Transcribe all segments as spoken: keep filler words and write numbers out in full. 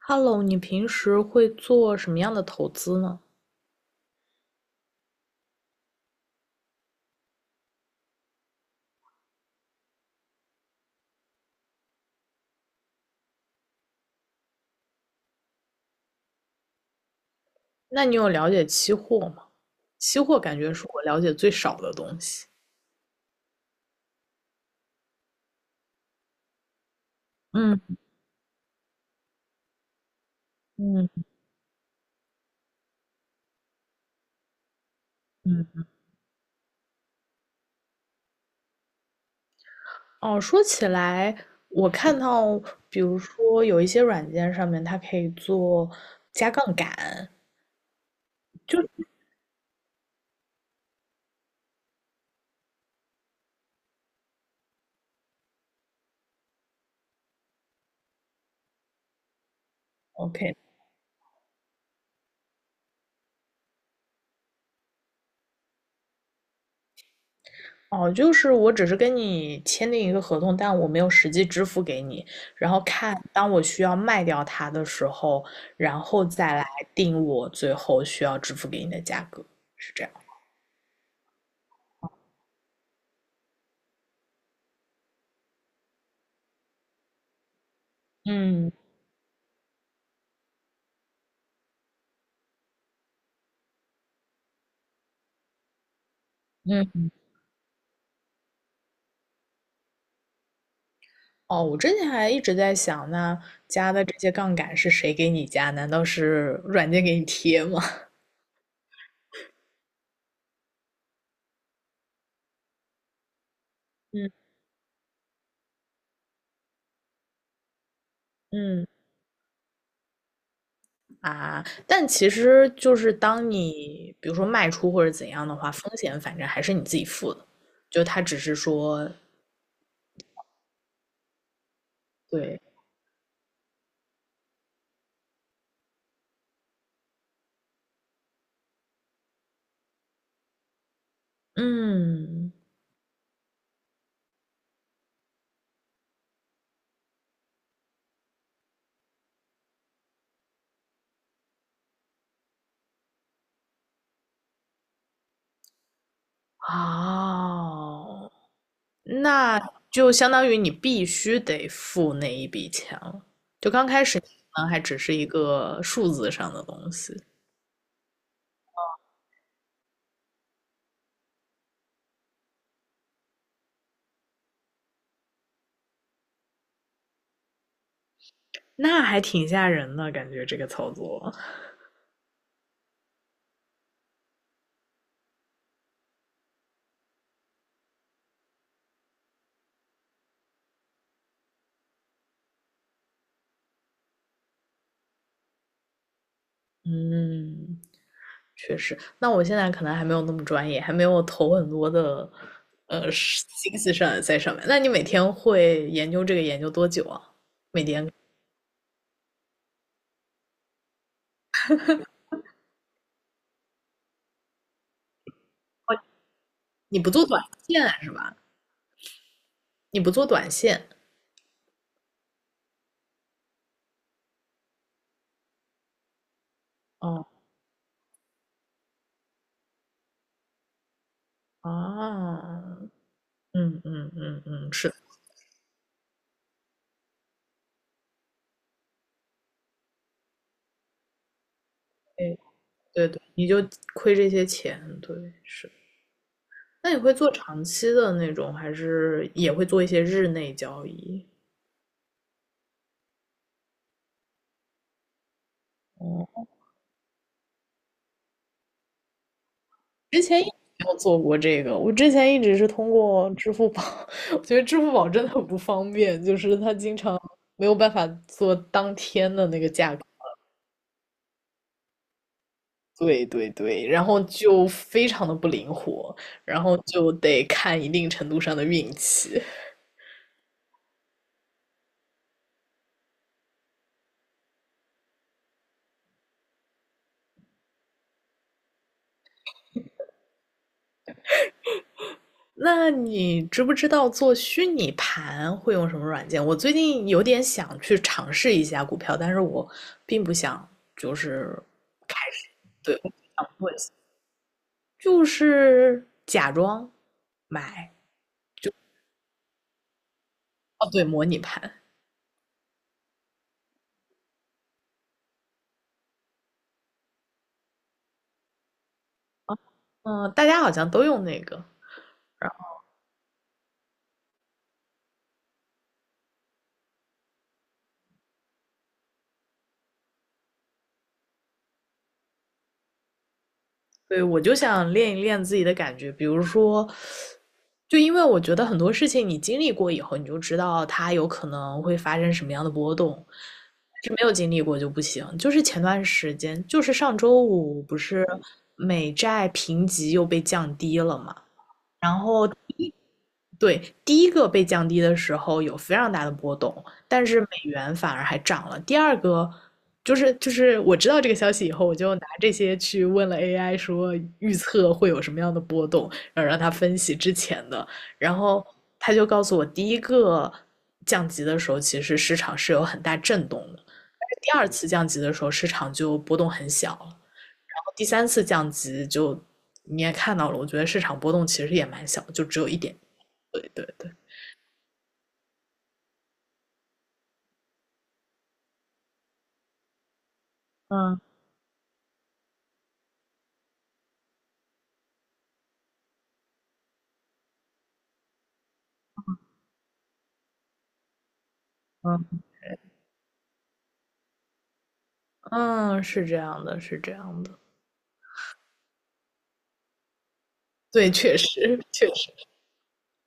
Hello，你平时会做什么样的投资呢？那你有了解期货吗？期货感觉是我了解最少的东西。嗯嗯嗯。哦，说起来，我看到，比如说有一些软件上面它可以做加杠杆，就是 OK，哦，就是我只是跟你签订一个合同，但我没有实际支付给你。然后看，当我需要卖掉它的时候，然后再来定我最后需要支付给你的价格，是这样。嗯嗯。哦，我之前还一直在想，那加的这些杠杆是谁给你加？难道是软件给你贴吗？嗯嗯啊，但其实就是当你比如说卖出或者怎样的话，风险反正还是你自己付的，就他只是说对。嗯，哦，那就相当于你必须得付那一笔钱了，可还只是一个数字上的东西，那还挺吓人的感觉这个操作。嗯，确实。那我现在可能还没有那么专业，还没有投很多的呃是心思上在上面。那你每天会研究这个研究多久啊？每天你不做短线是吧？你不做短线。哦啊，嗯嗯嗯嗯，是的，哎，对对，你就亏这些钱，对，是。那你会做长期的那种，还是也会做一些日内交易？哦，之前一直没有做过这个，我之前一直是通过支付宝，我觉得支付宝真的很不方便，就是它经常没有办法做当天的那个价格。对对对，然后就非常的不灵活，然后就得看一定程度上的运气。那你知不知道做虚拟盘会用什么软件？我最近有点想去尝试一下股票，但是我并不想，就是对，我就是假装买，哦，对，模拟盘，嗯，大家好像都用那个，对，我就想练一练自己的感觉，比如说，就因为我觉得很多事情你经历过以后，你就知道它有可能会发生什么样的波动，是没有经历过就不行。就是前段时间，就是上周五不是美债评级又被降低了嘛，然后对，第一个被降低的时候有非常大的波动，但是美元反而还涨了。第二个就是就是我知道这个消息以后，我就拿这些去问了 A I，说预测会有什么样的波动，然后让他分析之前的，然后他就告诉我，第一个降级的时候，其实市场是有很大震动的，但是第二次降级的时候，市场就波动很小了，然后第三次降级就你也看到了，我觉得市场波动其实也蛮小，就只有一点。对对对，嗯嗯嗯，是这样的，是这样的。对，确实确实，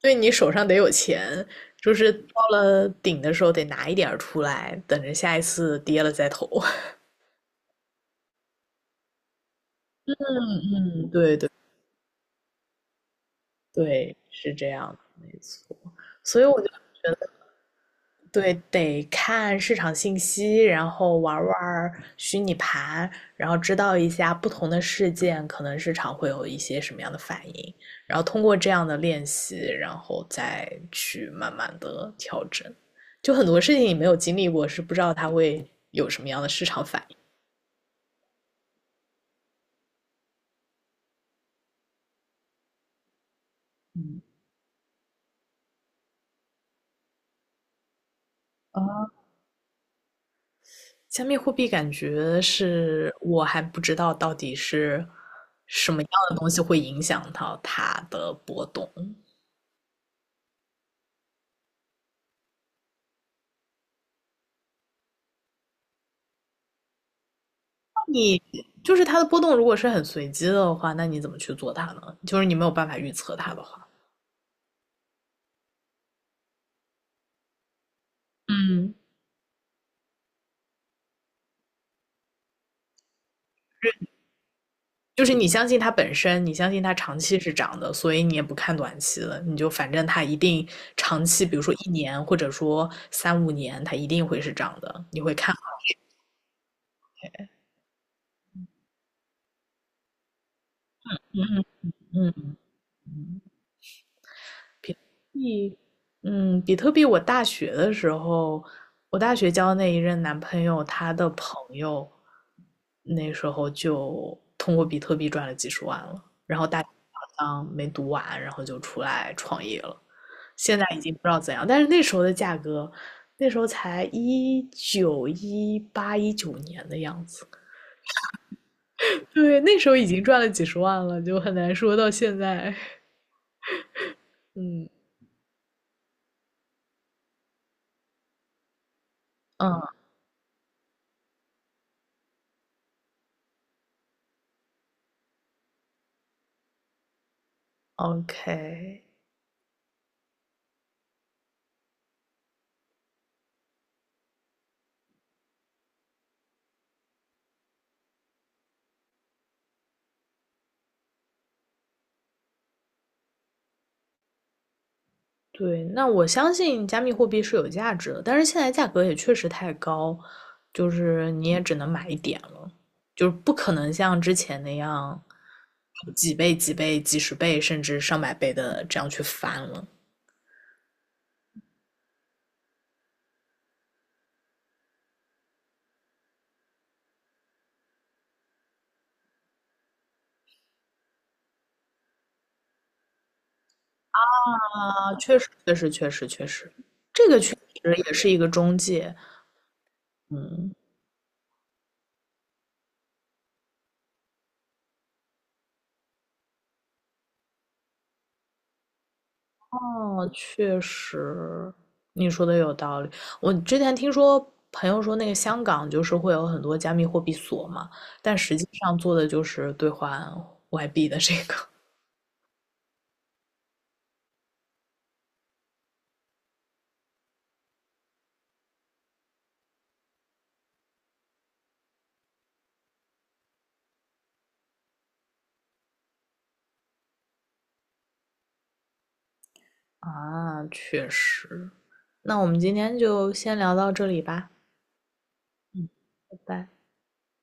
对你手上得有钱，就是到了顶的时候得拿一点儿出来，等着下一次跌了再投。嗯嗯，对对对，是这样的，没错。所以我就觉得。对，得看市场信息，然后玩儿玩儿虚拟盘，然后知道一下不同的事件，可能市场会有一些什么样的反应，然后通过这样的练习，然后再去慢慢的调整。就很多事情你没有经历过，是不知道它会有什么样的市场反应。啊，加密货币感觉是我还不知道到底是什么样的东西会影响到它的波动。就是它的波动如果是很随机的话，那你怎么去做它呢？就是你没有办法预测它的话，嗯，就是你相信它本身，你相信它长期是涨的，所以你也不看短期了，你就反正它一定长期，比如说一年或者说三五年，它一定会是涨的，你会看好。嗯，比嗯，比特币，我大学的时候，我大学交那一任男朋友，他的朋友那时候就通过比特币赚了几十万了。嗯，没读完，然后就出来创业了。现在已经不知道怎样，但是那时候的价格，那时候才一九一八一九年的样子，对，那时候已经赚了几十万了，就很难说到现在。嗯嗯，OK。对，那我相信加密货币是有价值的，但是现在价格也确实太高，就是你也只能买一点了，就是不可能像之前那样几倍、几倍、几十倍甚至上百倍的这样去翻了。啊，确实，确实，确实，确实，这个确实也是一个中介。嗯，哦，确实，你说的有道理。我之前听说朋友说，那个香港就是会有很多加密货币所嘛，但实际上做的就是兑换外币的这个。啊，确实。那我们今天就先聊到这里吧。嗯，拜拜。